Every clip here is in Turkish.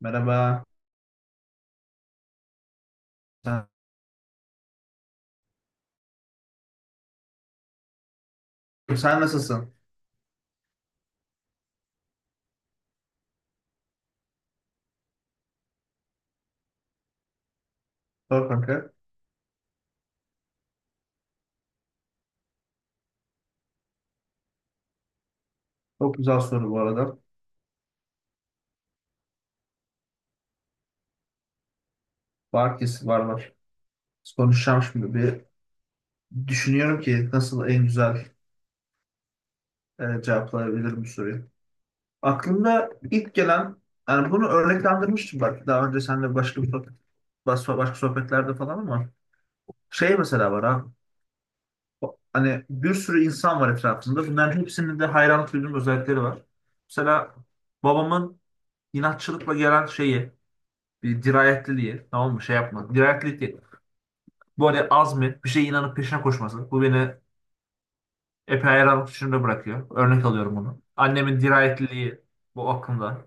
Merhaba. Sen, sen nasılsın? Sor kanka. Çok güzel soru bu arada. Var kesin, var. Konuşacağım şimdi. Bir düşünüyorum ki nasıl en güzel cevaplayabilirim bu soruyu. Aklımda ilk gelen, yani bunu örneklendirmiştim bak daha önce seninle başka sohbetlerde falan. Ama şey mesela var abi. Hani bir sürü insan var etrafında. Bunların hepsinin de hayranlık duyduğum özellikleri var. Mesela babamın inatçılıkla gelen şeyi, bir dirayetliliği, tamam mı? Şey yapma, dirayetli değil. Bu hani azmi, bir şeye inanıp peşine koşması. Bu beni epey hayranlık içinde bırakıyor. Örnek alıyorum bunu. Annemin dirayetliliği, bu aklımda.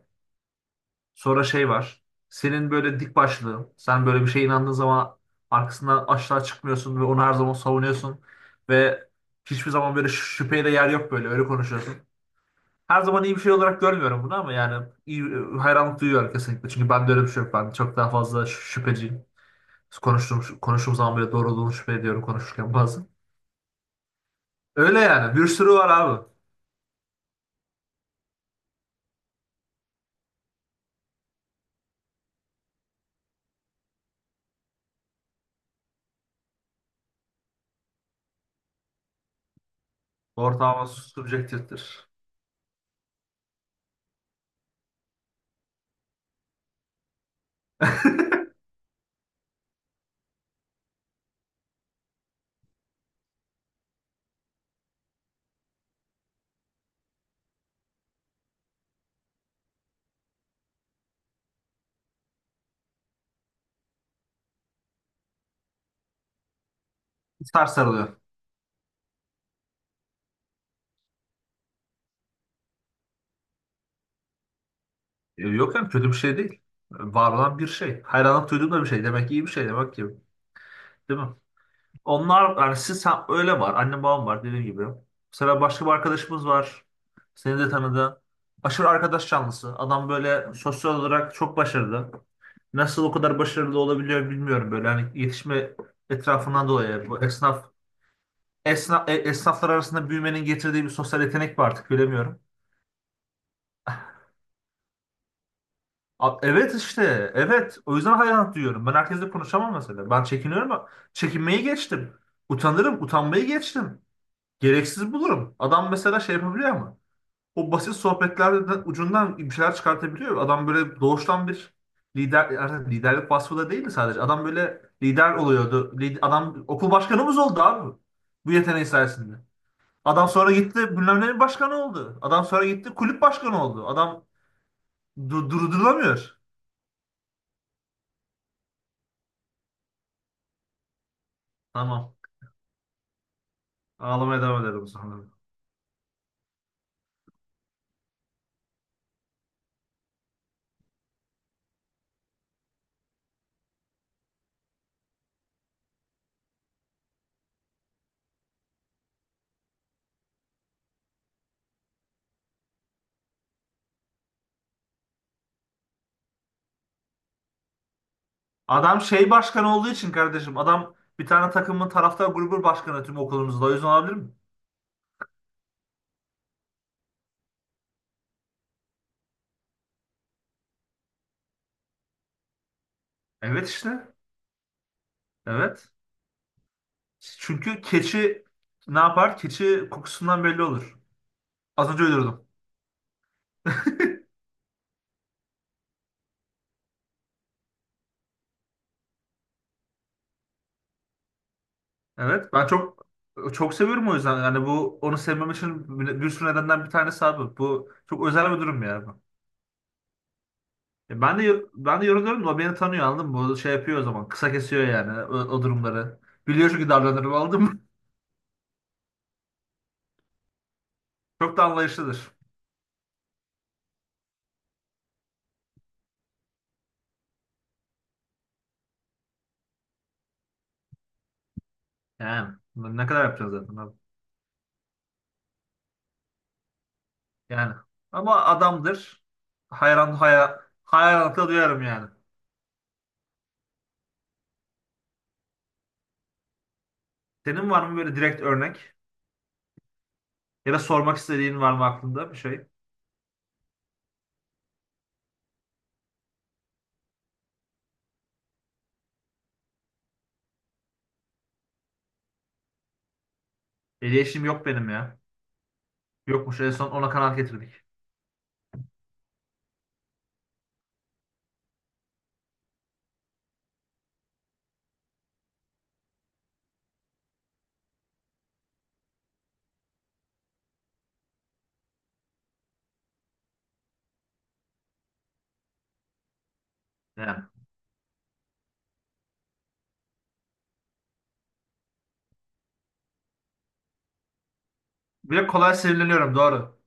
Sonra şey var. Senin böyle dik başlığın. Sen böyle bir şeye inandığın zaman arkasından aşağı çıkmıyorsun ve onu her zaman savunuyorsun. Ve hiçbir zaman böyle şüpheye de yer yok böyle. Öyle konuşuyorsun. Her zaman iyi bir şey olarak görmüyorum bunu ama yani iyi, hayranlık duyuyorum kesinlikle. Çünkü ben de öyle bir şey yok. Ben çok daha fazla şüpheciyim. Konuştuğum zaman bile doğru olduğunu şüphe ediyorum konuşurken bazen. Öyle yani. Bir sürü var abi. Ortalama subjektiftir. Sarılıyor. E, yok yani kötü bir şey değil. Var olan bir şey. Hayranlık duyduğum da bir şey. Demek ki iyi bir şey demek ki. Değil mi? Onlar, yani sen, öyle var. Annem babam var dediğim gibi. Mesela başka bir arkadaşımız var. Seni de tanıdı. Aşırı arkadaş canlısı. Adam böyle sosyal olarak çok başarılı. Nasıl o kadar başarılı olabiliyor bilmiyorum böyle. Hani yetişme etrafından dolayı. Bu esnaf esnaflar arasında büyümenin getirdiği bir sosyal yetenek mi artık bilemiyorum. Evet işte, evet, o yüzden hayranlık duyuyorum. Ben herkesle konuşamam mesela. Ben çekiniyorum ama çekinmeyi geçtim. Utanırım, utanmayı geçtim. Gereksiz bulurum. Adam mesela şey yapabiliyor, ama o basit sohbetlerden ucundan bir şeyler çıkartabiliyor. Adam böyle doğuştan bir lider, yani liderlik vasfı da değildi sadece. Adam böyle lider oluyordu. Adam okul başkanımız oldu abi. Bu yeteneği sayesinde. Adam sonra gitti bilmem ne başkanı oldu. Adam sonra gitti kulüp başkanı oldu. Adam durdurulamıyor. Tamam. Ağlamaya devam ederim sonra. Adam şey başkanı olduğu için kardeşim. Adam bir tane takımın taraftar grubu başkanı tüm okulumuzda. O yüzden olabilir mi? Evet işte. Evet. Çünkü keçi ne yapar? Keçi kokusundan belli olur. Az önce öldürdüm. Evet. Ben çok seviyorum o yüzden. Yani bu onu sevmem için bir sürü nedenden bir tanesi abi. Bu çok özel bir durum ya. E, ben de yoruluyorum da o beni tanıyor anladın mı? O şey yapıyor o zaman. Kısa kesiyor yani o durumları. Biliyor çünkü davranırım anladın mı? Çok da anlayışlıdır. Yani ne kadar yapacağız zaten abi. Yani ama adamdır. Hayranlıkla duyarım yani. Senin var mı böyle direkt örnek? Ya da sormak istediğin var mı aklında bir şey? Etkileşim yok benim ya. Yokmuş, en son ona kanaat getirdik. Yani. Bir de kolay sinirleniyorum, doğru.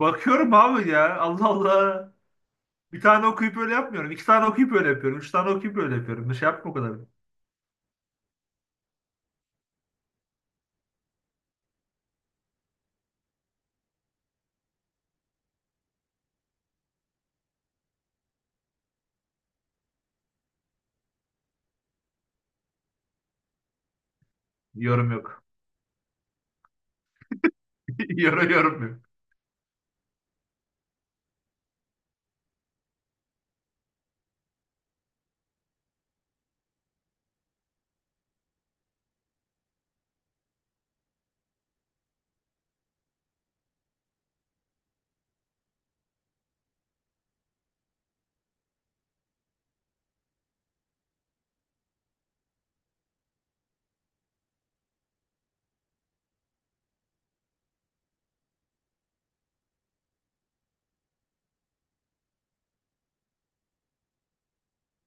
Bakıyorum abi ya, Allah Allah. Bir tane okuyup öyle yapmıyorum. İki tane okuyup öyle yapıyorum. Üç tane okuyup öyle yapıyorum. Bir şey yapma o kadar. Yorum yok. Yorum yok.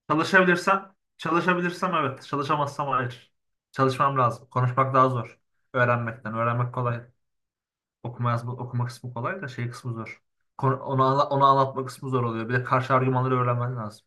Çalışabilirsem evet. Çalışamazsam hayır. Çalışmam lazım. Konuşmak daha zor. Öğrenmekten. Öğrenmek kolay. Okuma yazma, okuma kısmı kolay da şey kısmı zor. Onu anlatma kısmı zor oluyor. Bir de karşı argümanları öğrenmen lazım.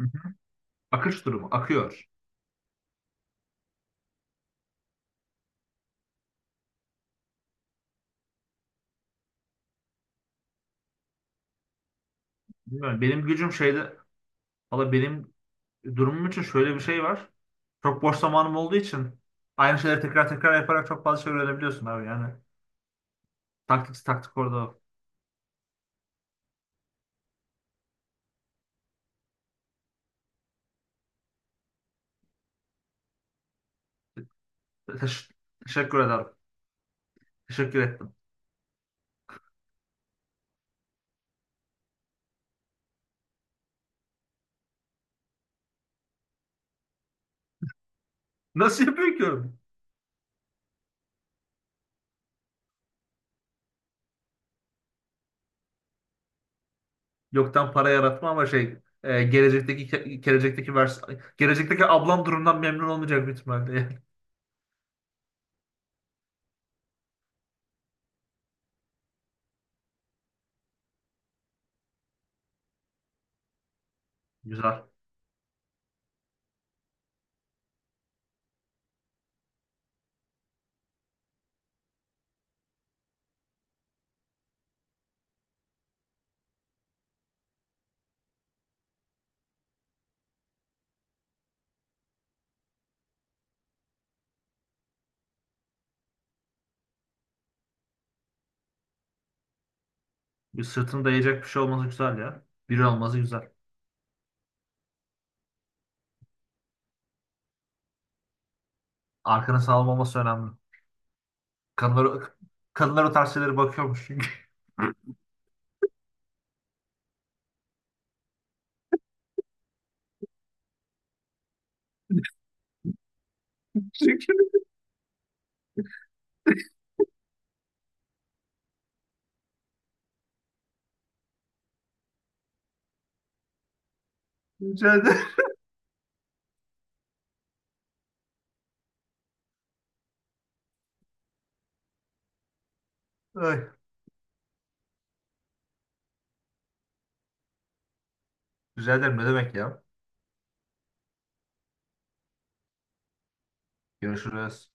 Hı hı. Akış durumu. Akıyor. Bilmiyorum. Benim gücüm şeyde. Valla benim durumum için şöyle bir şey var. Çok boş zamanım olduğu için aynı şeyleri tekrar tekrar yaparak çok fazla şey öğrenebiliyorsun abi yani. Taktik orada. Teş- teşekkür ederim. Teşekkür ettim. Nasıl yapıyor ki oğlum? Yoktan para yaratma ama şey, gelecekteki ablam durumdan memnun olmayacak büyük ihtimalle. Yani. Güzel. Bir sırtını dayayacak bir şey olması güzel ya. Biri olması güzel. Arkana sağlam olması önemli. Kadınlar, kadınlar o tarz şeylere bakıyormuş çünkü. Ay, rica ederim, ne demek ya. Görüşürüz.